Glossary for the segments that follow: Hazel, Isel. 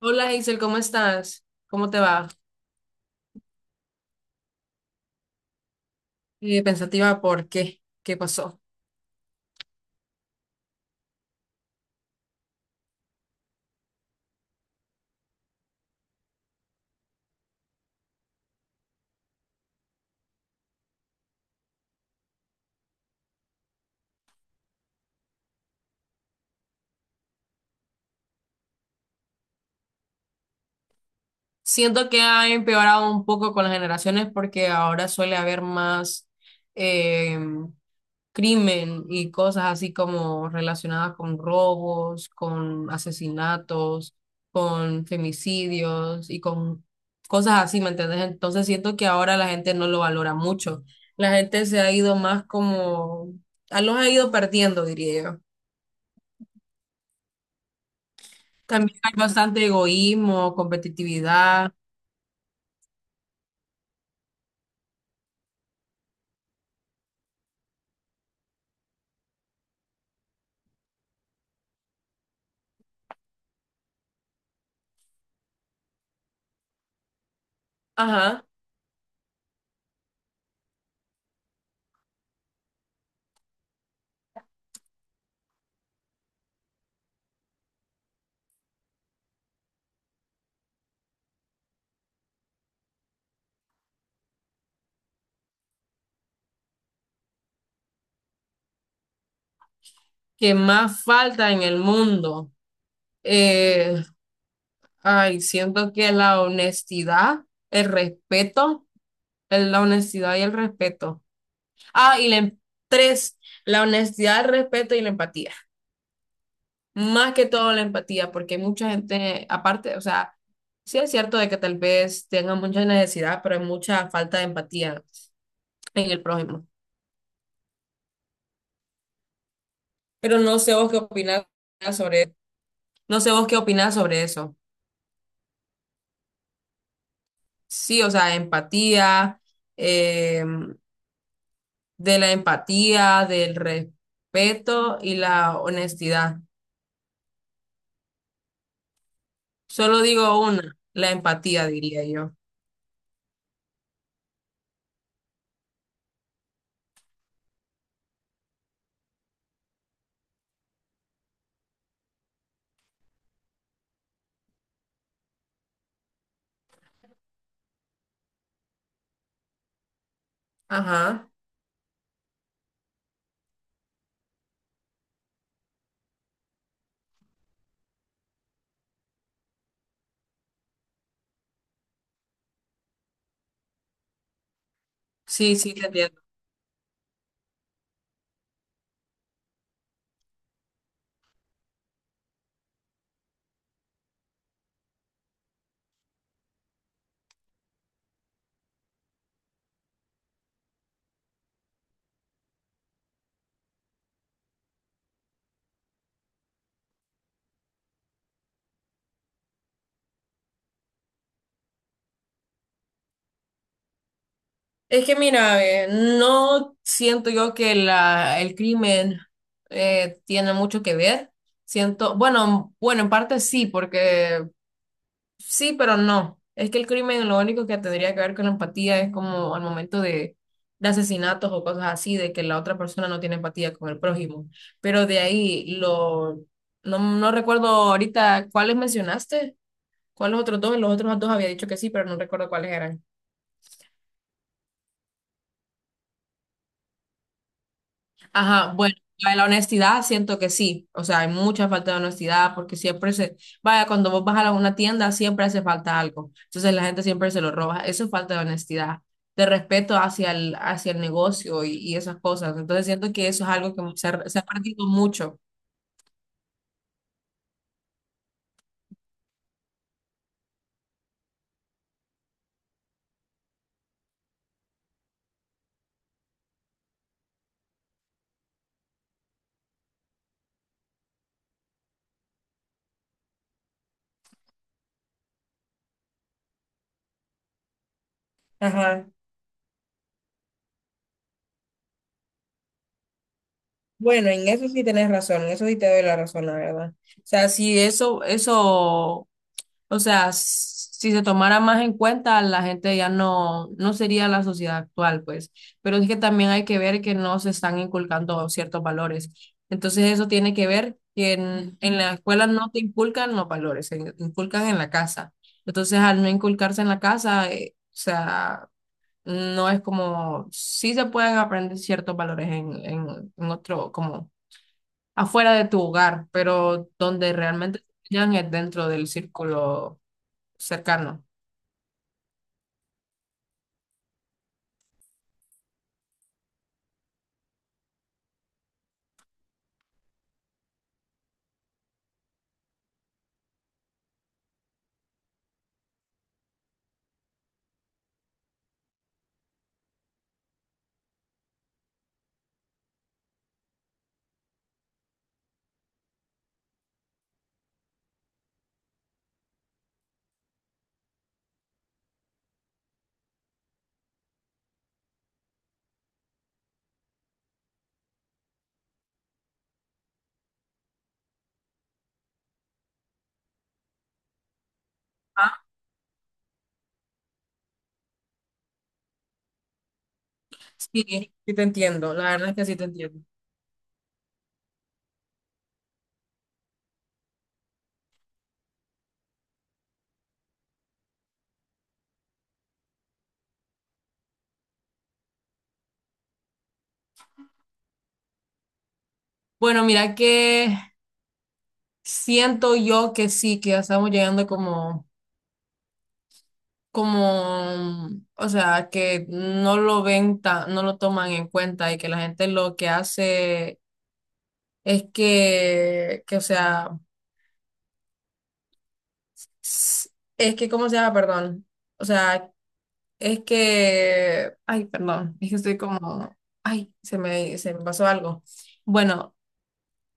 Hola Isel, ¿cómo estás? ¿Cómo te va? Pensativa, ¿por qué? ¿Qué pasó? Siento que ha empeorado un poco con las generaciones porque ahora suele haber más eh, crimen y cosas así como relacionadas con robos, con asesinatos, con femicidios y con cosas así, ¿me entiendes? Entonces siento que ahora la gente no lo valora mucho. La gente se ha ido más los ha ido perdiendo, diría yo. También hay bastante egoísmo, competitividad. Ajá. Que más falta en el mundo. Eh, Ay, siento que la honestidad, el respeto, la honestidad y el respeto. Ah, tres, la honestidad, el respeto y la empatía. Más que todo la empatía, porque hay mucha gente, aparte, o sea, sí es cierto de que tal vez tengan mucha necesidad, pero hay mucha falta de empatía en el prójimo. Pero no sé vos qué opinás sobre, no sé vos qué opinás sobre eso. Sí, o sea, empatía, eh, de la empatía, del respeto y la honestidad. Solo digo una, la empatía, diría yo. Ajá, sí, sí, te entiendo. Es que mira, ve, no siento yo que el crimen tiene mucho que ver. Siento, bueno, en parte sí, porque sí, pero no. Es que el crimen lo único que tendría que ver con la empatía es como al momento de asesinatos o cosas así, de que la otra persona no tiene empatía con el prójimo. Pero de ahí, lo, no, no recuerdo ahorita cuáles mencionaste, cuáles otros dos, los otros dos había dicho que sí, pero no recuerdo cuáles eran. Ajá, bueno, la de la honestidad siento que sí, o sea, hay mucha falta de honestidad porque siempre se, vaya, cuando vos vas a una tienda siempre hace falta algo, entonces la gente siempre se lo roba, eso es falta de honestidad, de respeto hacia hacia el negocio y esas cosas, entonces siento que eso es algo que se ha perdido mucho. Ajá. Bueno, en eso sí tenés razón, en eso sí te doy la razón, la verdad. O sea, sí, eso, o sea, si se tomara más en cuenta, la gente ya no, no sería la sociedad actual, pues. Pero es que también hay que ver que no se están inculcando ciertos valores. Entonces eso tiene que ver que en la escuela no te inculcan los valores, se inculcan en la casa. Entonces al no inculcarse en la casa, o sea, no es como, sí se pueden aprender ciertos valores en otro, como afuera de tu hogar, pero donde realmente... Ya es dentro del círculo cercano. Ah, sí, sí te entiendo, la verdad es que sí te entiendo. Bueno, mira que siento yo que sí, que ya estamos llegando como, como, o sea, que no lo ven tan, no lo toman en cuenta y que la gente lo que hace es o sea, s- es que, ¿cómo se llama? Perdón. O sea, es que, ay, perdón, es que estoy como, ay, se me pasó algo. Bueno,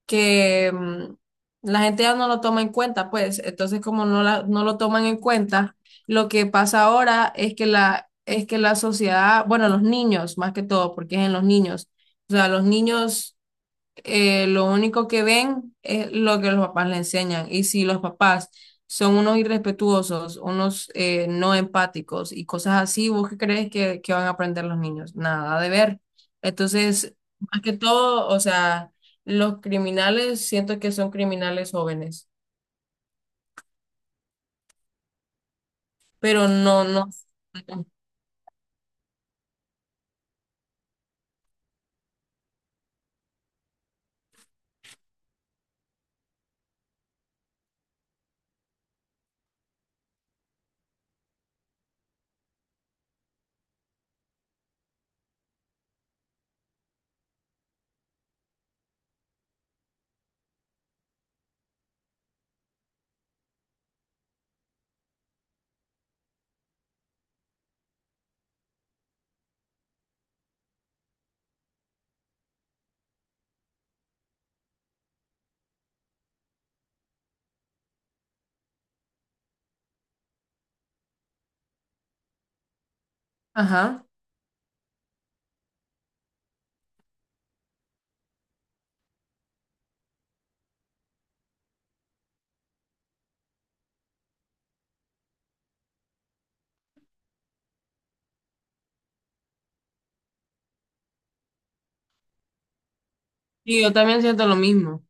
que mm, la gente ya no lo toma en cuenta, pues. Entonces, como no, no lo toman en cuenta, lo que pasa ahora es que es que la sociedad, bueno, los niños, más que todo, porque es en los niños. O sea, los niños lo único que ven es lo que los papás le enseñan. Y si los papás son unos irrespetuosos, unos no empáticos y cosas así, ¿vos qué crees que van a aprender los niños? Nada de ver. Entonces, más que todo, o sea, los criminales siento que son criminales jóvenes, pero no, no. Ajá. Y yo también siento lo mismo,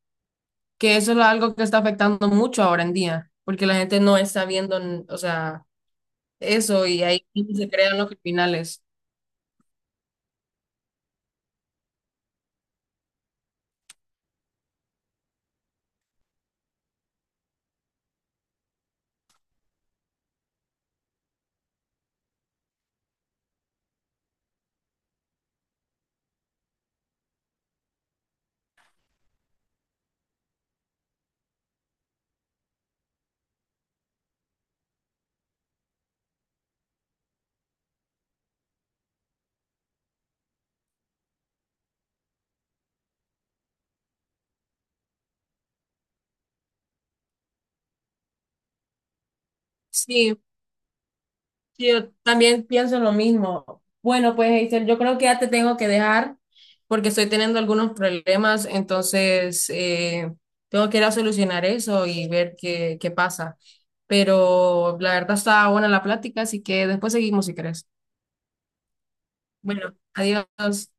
que eso es algo que está afectando mucho ahora en día, porque la gente no está viendo, o sea, eso, y ahí se crean los criminales. Sí, sí, yo también pienso lo mismo. Bueno, pues Hazel, yo creo que ya te tengo que dejar porque estoy teniendo algunos problemas, entonces tengo que ir a solucionar eso y ver qué, qué pasa. Pero la verdad está buena la plática, así que después seguimos si querés. Bueno, adiós.